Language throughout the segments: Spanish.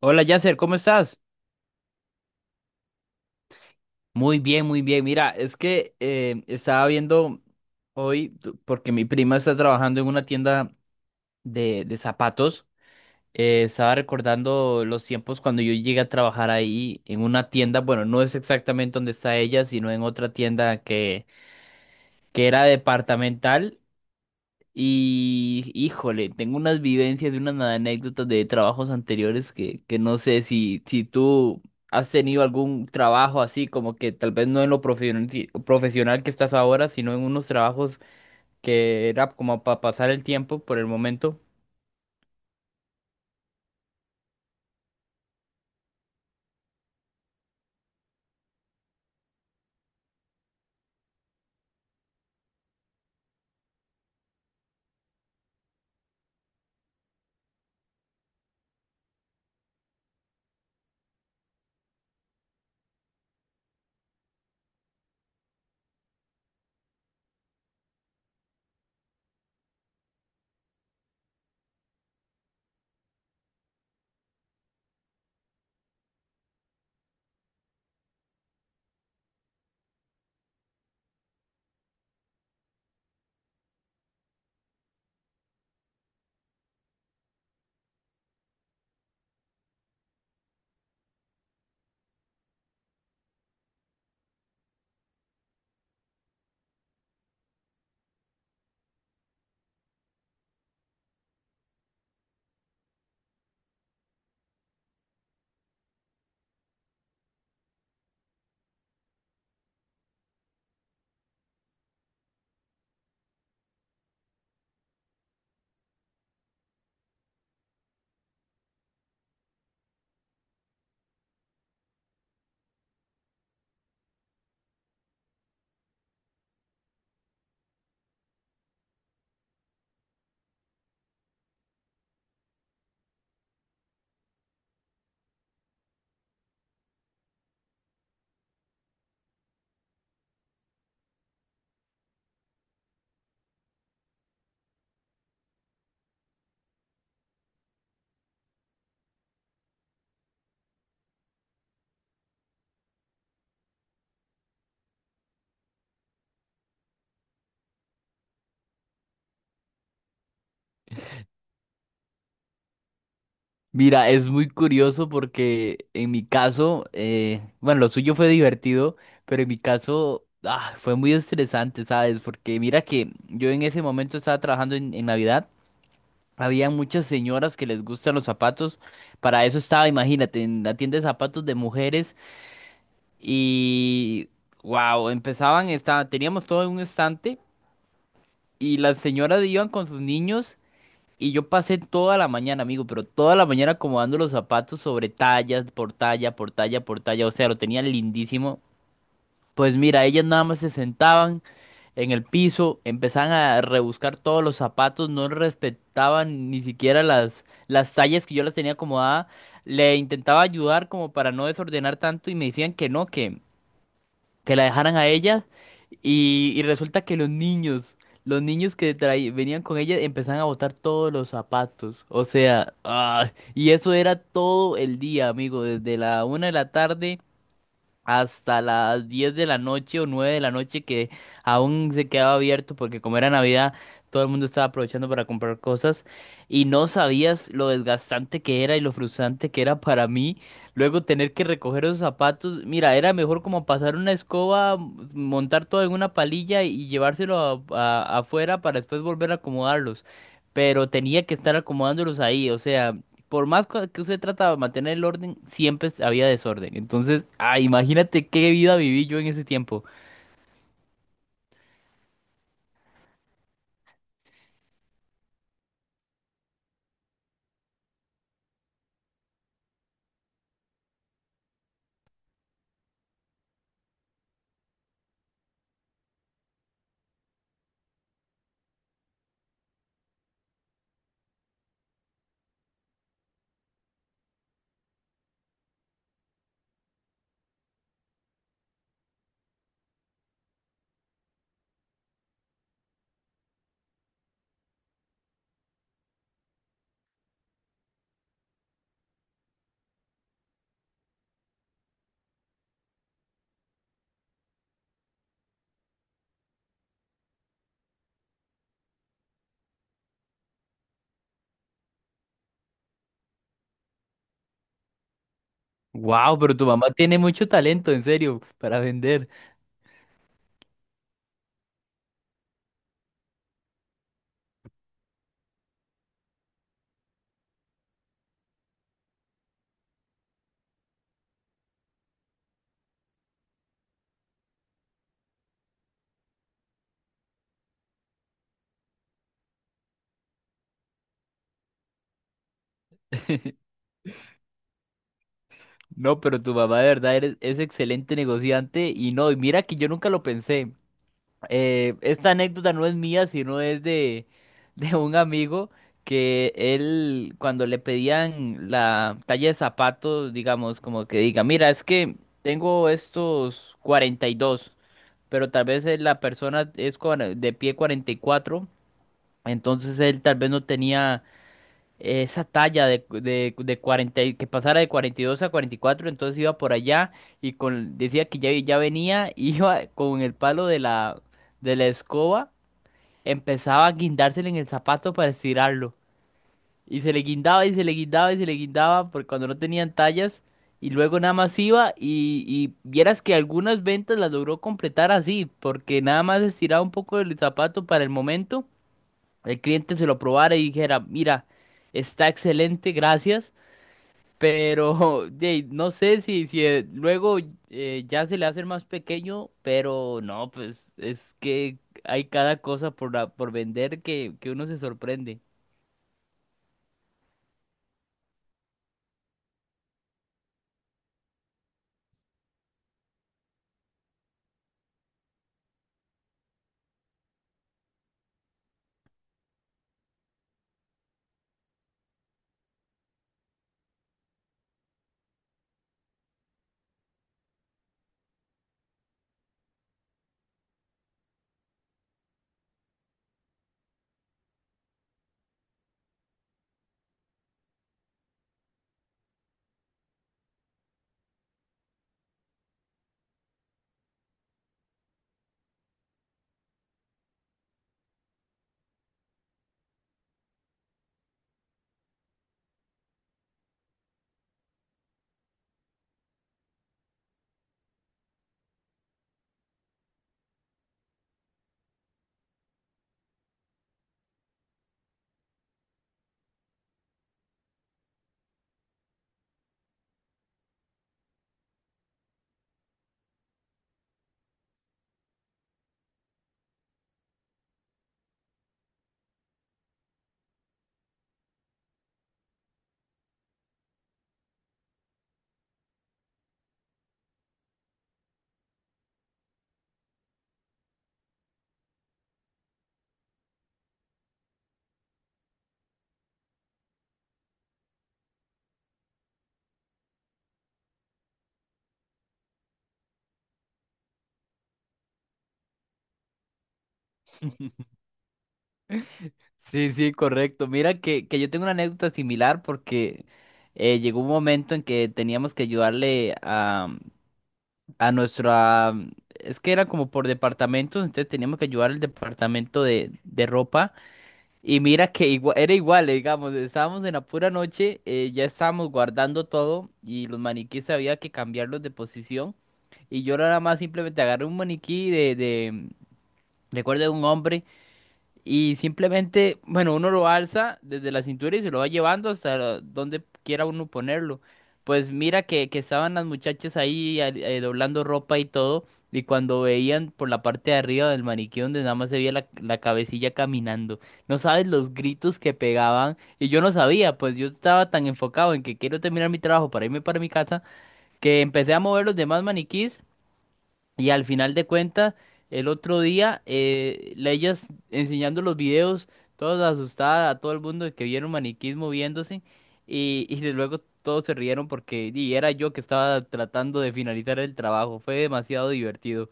Hola, Yasser, ¿cómo estás? Muy bien, muy bien. Mira, es que estaba viendo hoy, porque mi prima está trabajando en una tienda de zapatos. Estaba recordando los tiempos cuando yo llegué a trabajar ahí en una tienda. Bueno, no es exactamente donde está ella, sino en otra tienda que era departamental. Y híjole, tengo unas vivencias y unas anécdotas de trabajos anteriores que no sé si tú has tenido algún trabajo así, como que tal vez no en lo profesional profesional que estás ahora, sino en unos trabajos que era como para pasar el tiempo por el momento. Mira, es muy curioso porque en mi caso, bueno, lo suyo fue divertido, pero en mi caso ah, fue muy estresante, ¿sabes? Porque mira que yo en ese momento estaba trabajando en Navidad. Había muchas señoras que les gustan los zapatos. Para eso estaba, imagínate, en la tienda de zapatos de mujeres. Y wow, empezaban, estaba, teníamos todo en un estante. Y las señoras iban con sus niños. Y yo pasé toda la mañana, amigo, pero toda la mañana acomodando los zapatos sobre tallas, por talla, por talla, por talla. O sea, lo tenía lindísimo. Pues mira, ellas nada más se sentaban en el piso, empezaban a rebuscar todos los zapatos, no respetaban ni siquiera las tallas que yo las tenía acomodada. Le intentaba ayudar como para no desordenar tanto y me decían que no, que la dejaran a ella. Y resulta que los niños que venían con ella empezaban a botar todos los zapatos. O sea, ah, y eso era todo el día, amigo, desde la 1 de la tarde hasta las 10 de la noche o 9 de la noche que aún se quedaba abierto porque como era Navidad todo el mundo estaba aprovechando para comprar cosas y no sabías lo desgastante que era y lo frustrante que era para mí luego tener que recoger esos zapatos. Mira, era mejor como pasar una escoba, montar todo en una palilla y llevárselo afuera para después volver a acomodarlos. Pero tenía que estar acomodándolos ahí, o sea, por más que usted trata de mantener el orden, siempre había desorden. Entonces, ah, imagínate qué vida viví yo en ese tiempo. Wow, pero tu mamá tiene mucho talento, en serio, para vender. No, pero tu mamá de verdad es excelente negociante y no, y mira que yo nunca lo pensé. Esta anécdota no es mía, sino es de un amigo que él, cuando le pedían la talla de zapatos, digamos, como que diga, mira, es que tengo estos 42. Pero tal vez la persona es de pie 44. Entonces él tal vez no tenía esa talla de 40, que pasara de 42 a 44. Entonces iba por allá y con, decía que ya, ya venía, iba con el palo de la escoba, empezaba a guindársele en el zapato para estirarlo. Y se le guindaba y se le guindaba y se le guindaba por cuando no tenían tallas. Y luego nada más iba y vieras que algunas ventas las logró completar así, porque nada más estiraba un poco el zapato para el momento, el cliente se lo probara y dijera, mira, está excelente, gracias, pero de, no sé si, si luego ya se le hace el más pequeño, pero no, pues es que hay cada cosa por, por vender que uno se sorprende. Sí, sí, correcto. Mira que yo tengo una anécdota similar porque llegó un momento en que teníamos que ayudarle a, mm, a nuestra... mm, es que era como por departamentos, entonces teníamos que ayudar al departamento de ropa. Y mira que era igual, digamos, estábamos en la pura noche, ya estábamos guardando todo y los maniquíes había que cambiarlos de posición. Y yo nada más simplemente agarré un maniquí de... mm, recuerdo de un hombre. Y simplemente, bueno, uno lo alza desde la cintura y se lo va llevando hasta donde quiera uno ponerlo. Pues mira que estaban las muchachas ahí doblando ropa y todo, y cuando veían por la parte de arriba del maniquí donde nada más se veía la cabecilla caminando, no sabes los gritos que pegaban, y yo no sabía, pues yo estaba tan enfocado en que quiero terminar mi trabajo para irme para mi casa, que empecé a mover los demás maniquís y al final de cuentas, el otro día, ellas enseñando los videos, todas asustadas, a todo el mundo de que vieron maniquís moviéndose, y de luego todos se rieron porque y era yo que estaba tratando de finalizar el trabajo. Fue demasiado divertido.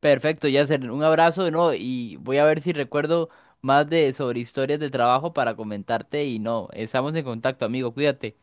Perfecto, Yasser, un abrazo de nuevo y voy a ver si recuerdo más de sobre historias de trabajo para comentarte y no, estamos en contacto, amigo, cuídate.